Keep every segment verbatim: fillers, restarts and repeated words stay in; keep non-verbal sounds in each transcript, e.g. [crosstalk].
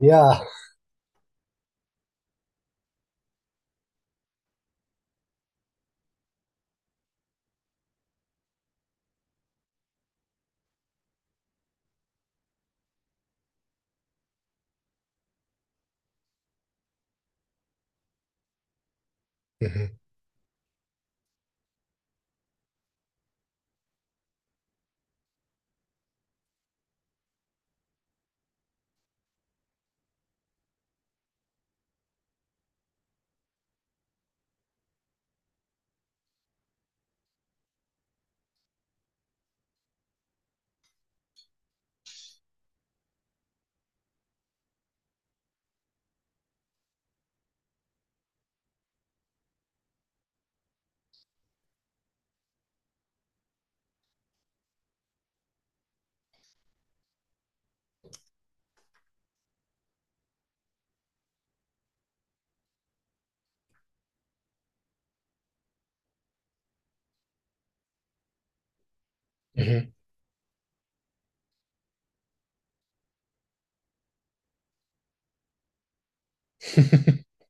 Ja. Mhm, mhm. [laughs]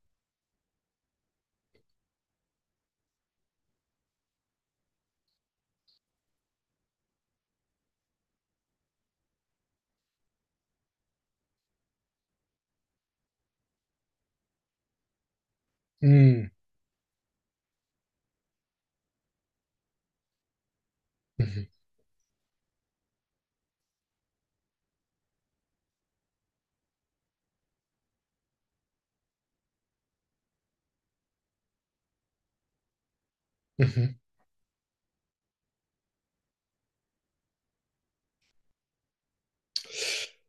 Mhm, mhm, mhm.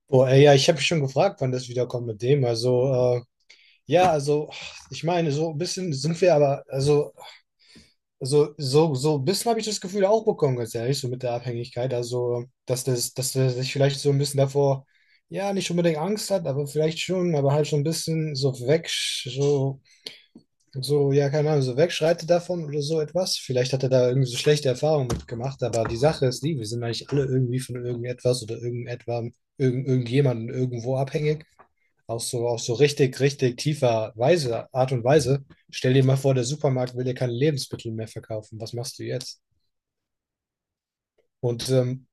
Boah, ey, ja, ich habe mich schon gefragt, wann das wiederkommt mit dem. Also, äh, ja, also, ich meine, so ein bisschen sind wir aber, also so, so, so ein bisschen habe ich das Gefühl auch bekommen, ganz ehrlich, so mit der Abhängigkeit. Also, dass das, dass er sich vielleicht so ein bisschen davor, ja, nicht unbedingt Angst hat, aber vielleicht schon, aber halt schon ein bisschen so weg, so, so, ja, keine Ahnung, so wegschreitet davon oder so etwas. Vielleicht hat er da irgendwie so schlechte Erfahrungen mitgemacht, aber die Sache ist die, wir sind eigentlich alle irgendwie von irgendetwas oder irgendetwas, irgend, irgendjemandem irgendwo abhängig. Auch so, auch so richtig, richtig tiefer Weise, Art und Weise. Stell dir mal vor, der Supermarkt will dir keine Lebensmittel mehr verkaufen. Was machst du jetzt? Und ähm,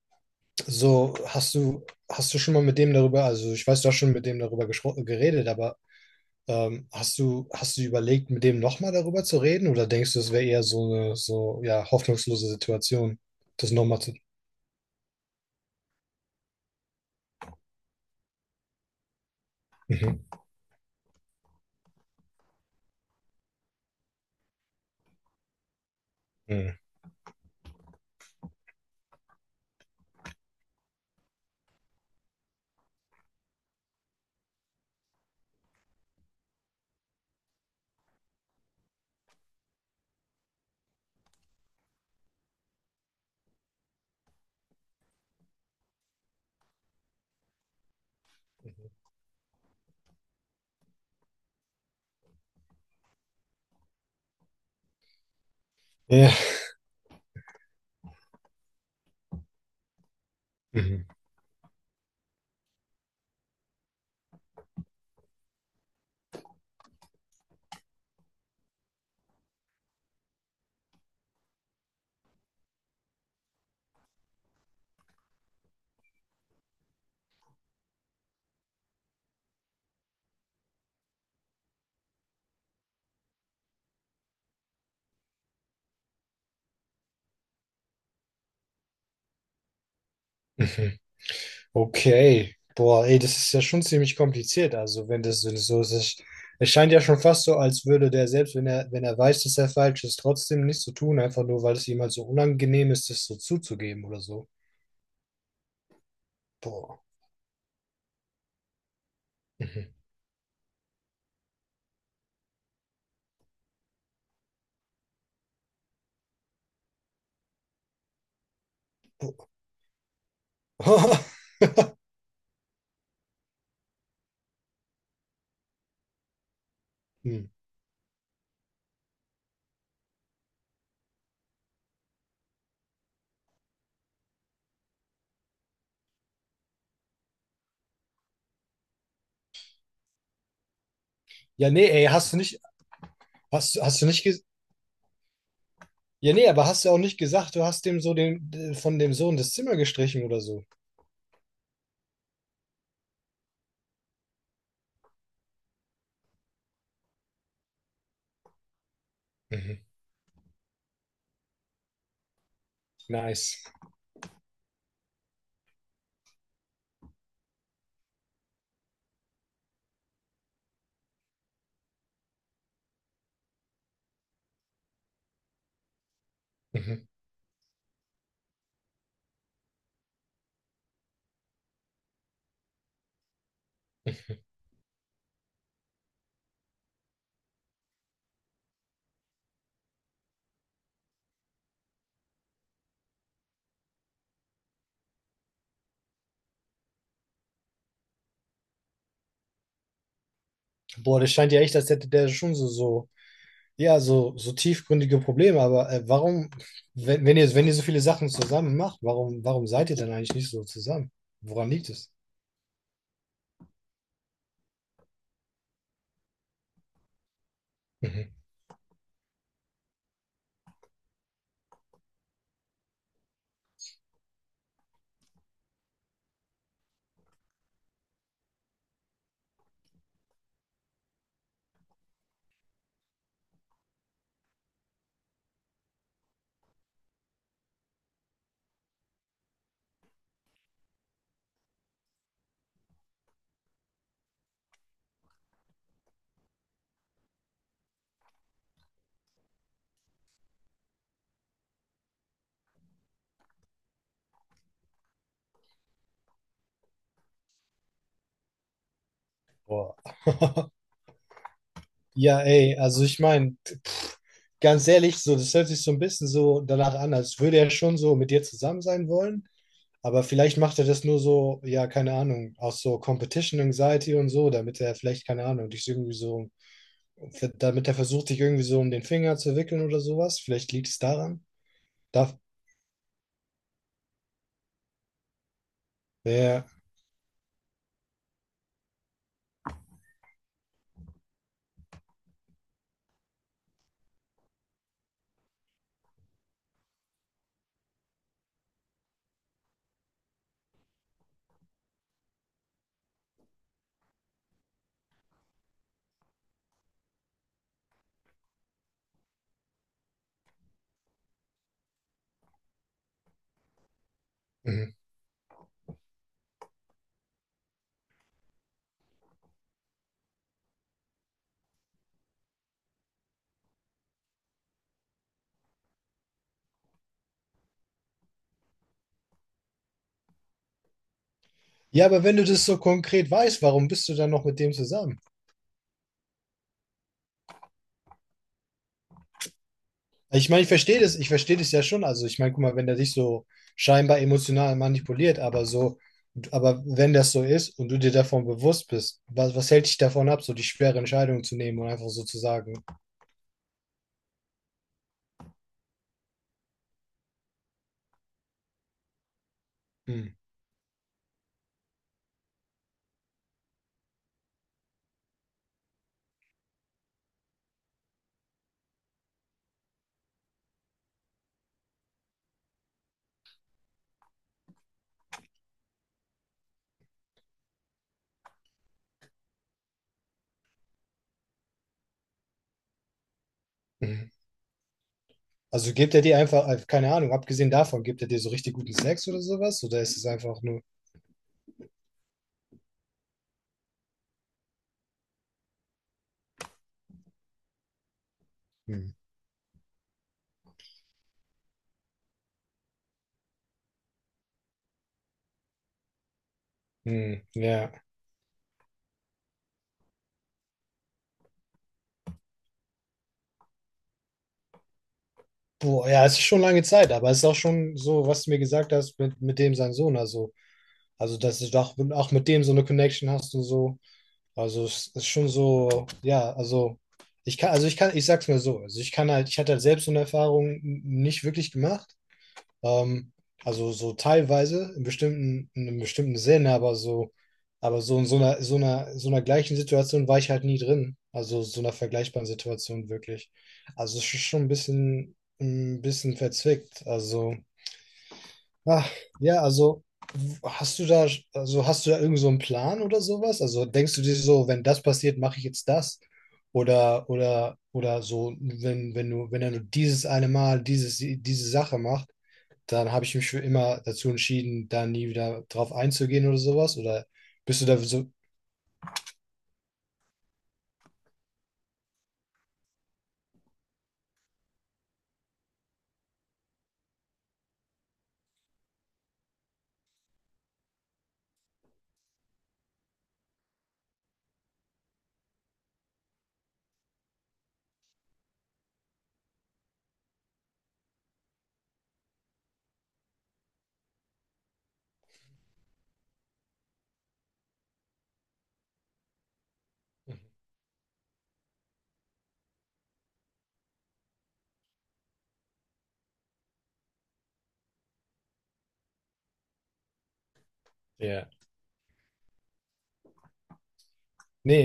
so hast du, hast du schon mal mit dem darüber, also ich weiß, du hast schon mit dem darüber geschro- geredet, aber ähm, hast du, hast du überlegt, mit dem nochmal darüber zu reden? Oder denkst du, es wäre eher so eine, so, ja, hoffnungslose Situation, das nochmal zu. Mhm. Mhm. Ja. Mhm. Mhm. Okay, boah, ey, das ist ja schon ziemlich kompliziert. Also, wenn das so so ist, es es scheint ja schon fast so, als würde der selbst, wenn er, wenn er weiß, dass er falsch ist, trotzdem nichts zu tun, einfach nur, weil es ihm halt so unangenehm ist, das so zuzugeben oder so. Boah. Mhm. Boah. [laughs] Hm. Ja, nee, ey, hast du nicht, hast, hast du nicht, ges- ja, nee, aber hast du auch nicht gesagt, du hast dem so den, von dem Sohn das Zimmer gestrichen oder so. Mhm. Nice. Mhm. Boah, das scheint ja echt, als hätte der schon so, so. Ja, so, so tiefgründige Probleme, aber äh, warum, wenn, wenn ihr, wenn ihr so viele Sachen zusammen macht, warum, warum seid ihr dann eigentlich nicht so zusammen? Woran liegt es? Mhm. Boah. [laughs] Ja, ey, also ich meine, ganz ehrlich, so, das hört sich so ein bisschen so danach an, als würde er schon so mit dir zusammen sein wollen, aber vielleicht macht er das nur so, ja, keine Ahnung, aus so Competition Anxiety und so, damit er vielleicht, keine Ahnung, dich irgendwie so, damit er versucht, dich irgendwie so um den Finger zu wickeln oder sowas. Vielleicht liegt es daran. Darf, ja. Ja, aber wenn du das so konkret weißt, warum bist du dann noch mit dem zusammen? Also ich meine, ich verstehe das, ich verstehe das ja schon. Also ich meine, guck mal, wenn der dich so scheinbar emotional manipuliert, aber so, aber wenn das so ist und du dir davon bewusst bist, was, was hält dich davon ab, so die schwere Entscheidung zu nehmen und einfach so zu sagen, hm, mhm. Also gibt er dir einfach, äh, keine Ahnung, abgesehen davon, gibt er dir so richtig guten Sex oder sowas? Oder ist es einfach nur, hm, hm, ja. Boah, ja, es ist schon lange Zeit, aber es ist auch schon so, was du mir gesagt hast mit, mit dem sein Sohn, also. Also, dass du doch auch mit dem so eine Connection hast und so. Also, es ist schon so, ja, also ich kann, also ich kann, ich sag's mal so, also ich kann halt, ich hatte halt selbst so eine Erfahrung n- nicht wirklich gemacht. Ähm, also so teilweise, in bestimmten, in einem bestimmten Sinn, aber so, aber so in so einer, so einer, so einer gleichen Situation war ich halt nie drin. Also so einer vergleichbaren Situation wirklich. Also es ist schon ein bisschen, ein bisschen verzwickt. Also. Ach, ja, also hast du da, also hast du da irgend so einen Plan oder sowas? Also denkst du dir so, wenn das passiert, mache ich jetzt das? Oder, oder, oder so, wenn, wenn du, wenn er nur dieses eine Mal dieses, diese Sache macht, dann habe ich mich für immer dazu entschieden, da nie wieder drauf einzugehen oder sowas? Oder bist du da so, ja, nee,